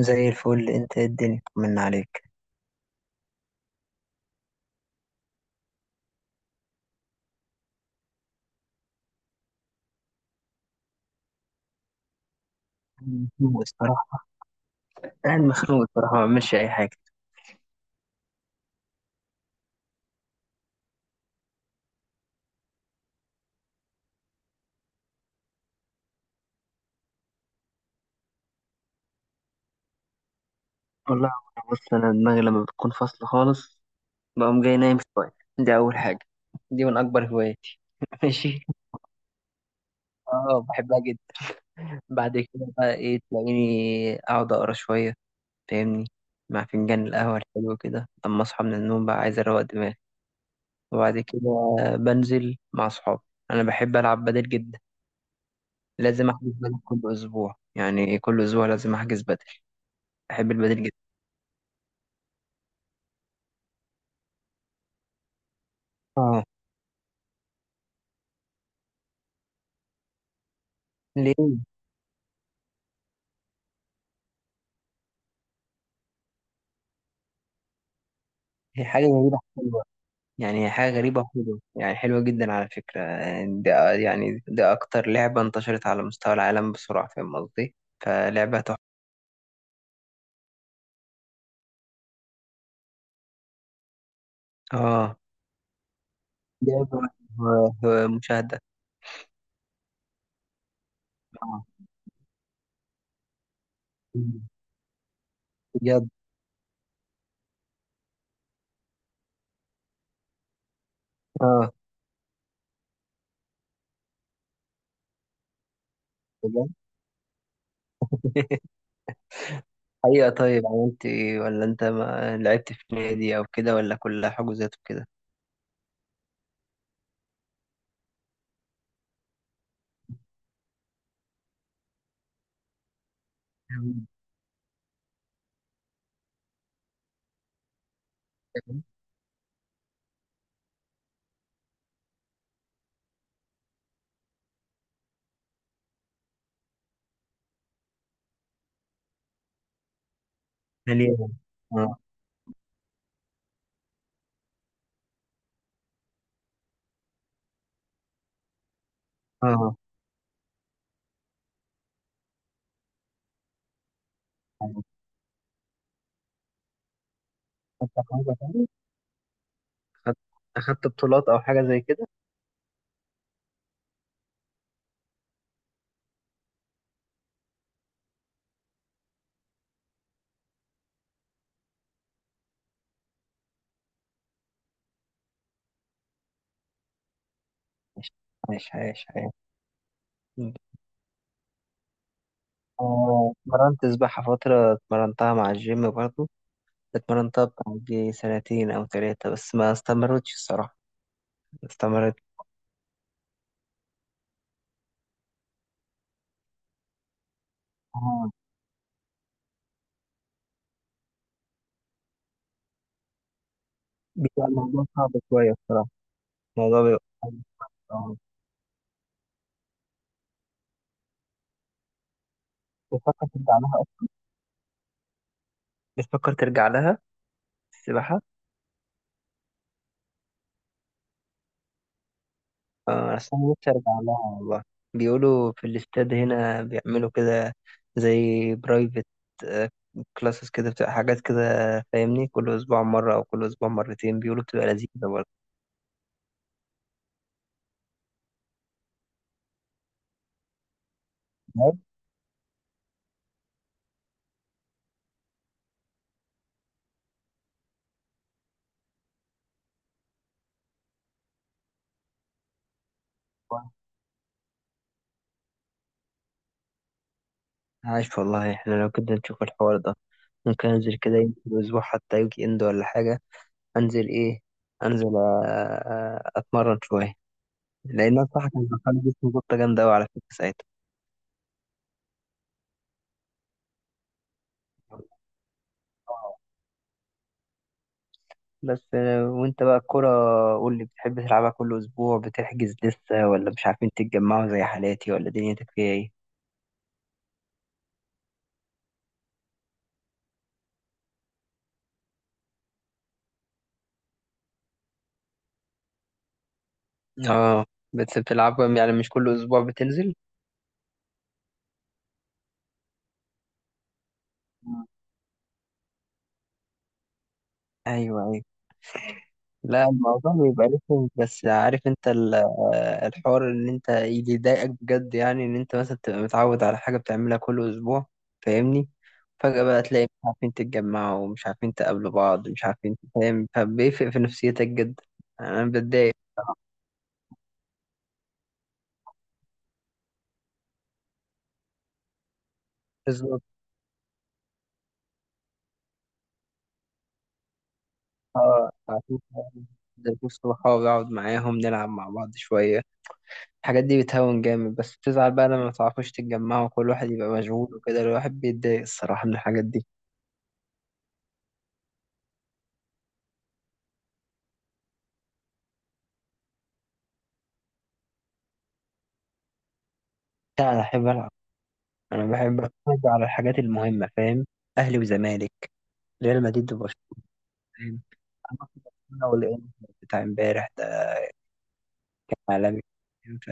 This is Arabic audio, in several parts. زي الفل، انت ايه؟ الدنيا من عليك. مخنوق الصراحة. قاعد مخنوق الصراحة، ما بعملش أي حاجة. والله أنا، بص، أنا دماغي لما بتكون فاصلة خالص بقوم جاي نايم شوية. دي أول حاجة. دي من أكبر هواياتي. ماشي. أه، بحبها جدا. بعد كده بقى إيه؟ تلاقيني أقعد أقرا شوية، فاهمني، مع فنجان القهوة الحلو كده، لما أصحى من النوم بقى عايز أروق دماغي. وبعد كده بنزل مع صحابي. أنا بحب ألعب بدل جدا، لازم أحجز بدل كل أسبوع، يعني كل أسبوع لازم أحجز بدل. بحب البدل جدا. اه. ليه؟ هي حاجة غريبة حلوة، يعني هي حاجة غريبة حلوة، يعني حلوة جدا على فكرة. يعني ده، يعني ده أكتر لعبة انتشرت على مستوى العالم بسرعة، فاهم قصدي؟ فلعبة تحفة. اه. لعبة و- ومشاهدة. اه، بجد. اه، بجد. حقيقة. طيب يعني انت، ولا انت ما لعبت في نادي او كده ولا كلها حجوزات وكده؟ مليانة. اه. اه. أخدت حاجة تاني؟ أخدت أخدت بطولات أو حاجة زي كده؟ عايش، عايش، عايش، عايش. مم. آه، اتمرنت سباحة فترة، اتمرنتها مع الجيم برضو، اتمرنتها بتاع دي سنتين أو ثلاثة بس ما استمرتش الصراحة. ما استمرت. آه، بيبقى الموضوع صعب شوية الصراحة. الموضوع بيبقى صعب. آه. بتفكر ترجع لها أصلا؟ بتفكر ترجع لها السباحة؟ أصل أنا نفسي أرجع لها والله. بيقولوا في الاستاد هنا بيعملوا كده، زي برايفت كلاسز كده، بتبقى حاجات كده، فاهمني، كل أسبوع مرة أو كل أسبوع مرتين، بيقولوا بتبقى لذيذة برضه. عايش والله. عايش والله. إحنا لو كده نشوف الحوار ده ممكن أنزل كده، يمكن أسبوع حتى يجي إند ولا حاجة. أنزل إيه؟ أنزل، أتمرن شوية، لأن أنا صح كان دخل جسمي جبطة جامدة أوي على فكرة ساعتها. بس وانت بقى الكرة، قول لي، بتحب تلعبها كل اسبوع؟ بتحجز لسه، ولا مش عارفين تتجمعوا زي حالاتي، ولا دنيتك فيها ايه؟ اه. بس بتلعبها يعني مش كل اسبوع بتنزل؟ مم. ايوه، ايوه. لا، الموضوع بيبقى رخم، بس عارف انت الحوار، ان انت اللي يضايقك بجد يعني ان انت مثلا تبقى متعود على حاجة بتعملها كل اسبوع، فاهمني، فجأة بقى تلاقي مش عارفين تتجمعوا ومش عارفين تقابلوا بعض، مش عارفين، فاهم؟ فبيفرق في نفسيتك جدا. انا بتضايق. اه، اشوف صحابي، اقعد معاهم، نلعب مع بعض شويه، الحاجات دي بتهون جامد. بس بتزعل بقى لما ما تعرفوش تتجمعوا، كل واحد يبقى مشغول وكده، الواحد بيتضايق الصراحه من الحاجات دي. لا، انا بحب العب. انا بحب اتفرج على الحاجات المهمه، فاهم. اهلي وزمالك، ريال مدريد وبرشلونه. أنا في برشلونة والانتر بتاع امبارح ده. عالمي. ف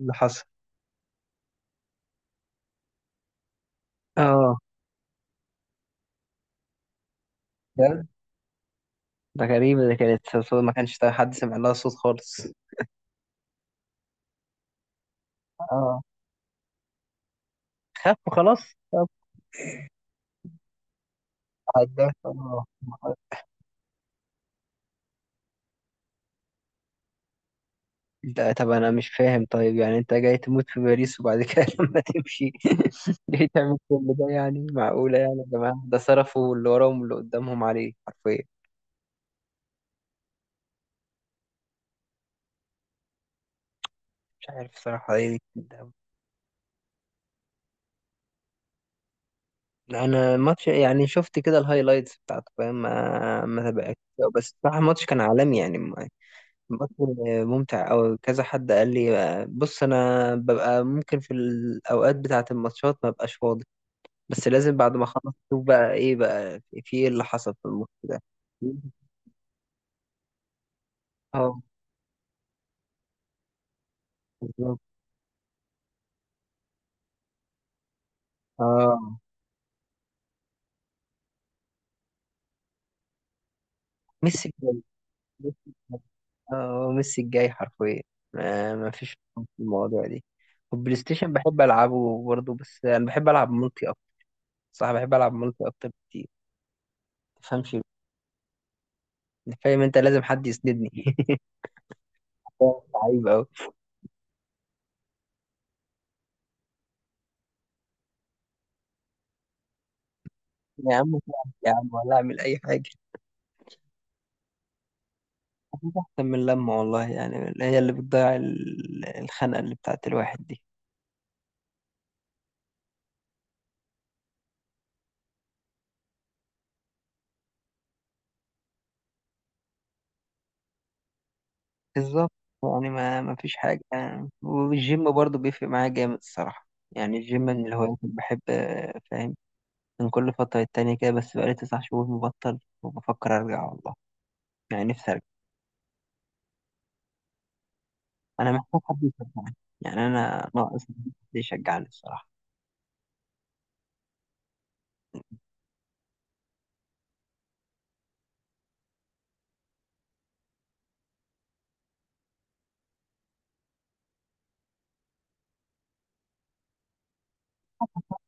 اللي حصل. اه، ده ده غريبة، ده كانت صوت ما كانش حد سمع لها صوت خالص. اه، خف خلاص طب. عدى خلاص. لا، طب انا مش فاهم، طيب يعني انت جاي تموت في باريس وبعد كده لما تمشي جاي تعمل كل ده؟ يعني معقولة؟ يعني يا جماعة، ده صرفوا اللي وراهم واللي قدامهم عليه حرفيا. مش عارف صراحة ايه ده. انا الماتش يعني شفت كده الهايلايتس بتاعته، فاهم. ما تابعتش. بس بصراحة الماتش كان عالمي، يعني الماتش ممتع أوي. كذا حد قال لي بص، انا ببقى ممكن في الاوقات بتاعة الماتشات ما ببقاش فاضي، بس لازم بعد ما اخلص اشوف بقى ايه، بقى في ايه اللي حصل في الماتش ده. اه، بالظبط. اه، ميسي الجاي. ميسي الجاي. اه، ميسي الجاي حرفيا. ما فيش في المواضيع دي. والبلاي ستيشن بحب العبه برضه، بس انا بحب العب ملتي اكتر. صح، بحب العب ملتي اكتر بكتير، تفهمش، فاهم؟ انت لازم حد يسندني. عيب قوي. يا عم ساعد، يا عم ولا اعمل اي حاجه. أكيد احسن، من لما والله يعني هي اللي بتضيع الخنقه اللي بتاعت الواحد دي. بالظبط. يعني ما فيش حاجة يعني. والجيم برضو بيفرق معايا جامد الصراحة، يعني الجيم من الهوايات اللي بحب، فاهم، من كل فترة التانية كده، بس بقالي 9 شهور مبطل وبفكر أرجع والله. يعني نفسي أرجع. أنا محتاج حد يشجعني، يعني أنا ناقص حد يشجعني الصراحة.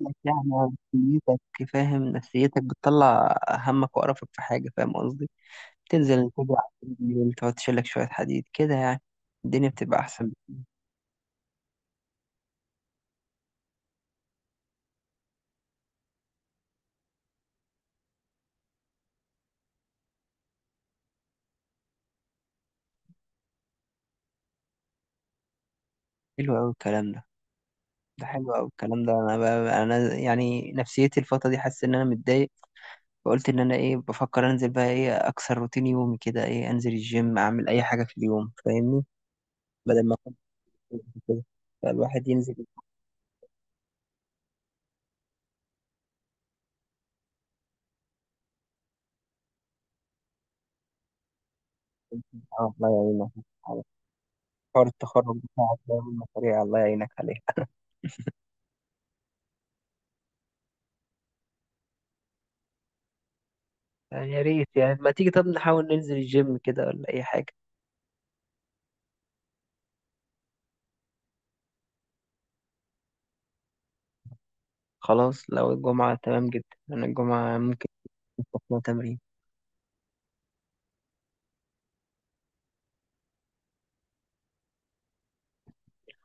لك يعني نفسيتك، فاهم، نفسيتك بتطلع همك وقرفك في حاجة، فاهم قصدي؟ تنزل تجري على التريدميل، تقعد تشيلك شوية حديد كده، يعني الدنيا بتبقى أحسن. حلو أوي الكلام ده. ده حلو أوي الكلام ده. أنا بقى أنا يعني نفسيتي الفترة دي حاسس إن أنا متضايق. فقلت إن أنا إيه بفكر أنزل بقى، إيه، أكسر روتين يومي كده، إيه، أنزل الجيم، أعمل أي حاجة في اليوم، فاهمني، بدل ما أكون في كده. فالواحد ينزل. الله يعينك على حوار التخرج بتاعك ده والمشاريع، الله يعينك عليها. يعني يا ريت، يعني ما تيجي طب نحاول ننزل الجيم كده ولا أي حاجة. خلاص، لو الجمعة تمام جدا. أنا الجمعة ممكن نروح تمرين.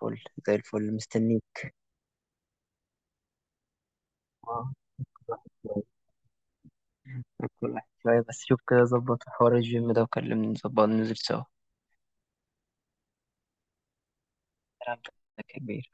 فل، زي الفل، مستنيك. آه. كل واحد شوية بس. شوف كده، ظبط حوار الجيم ده وكلمني، نظبط ننزل سوا. كلام كبير.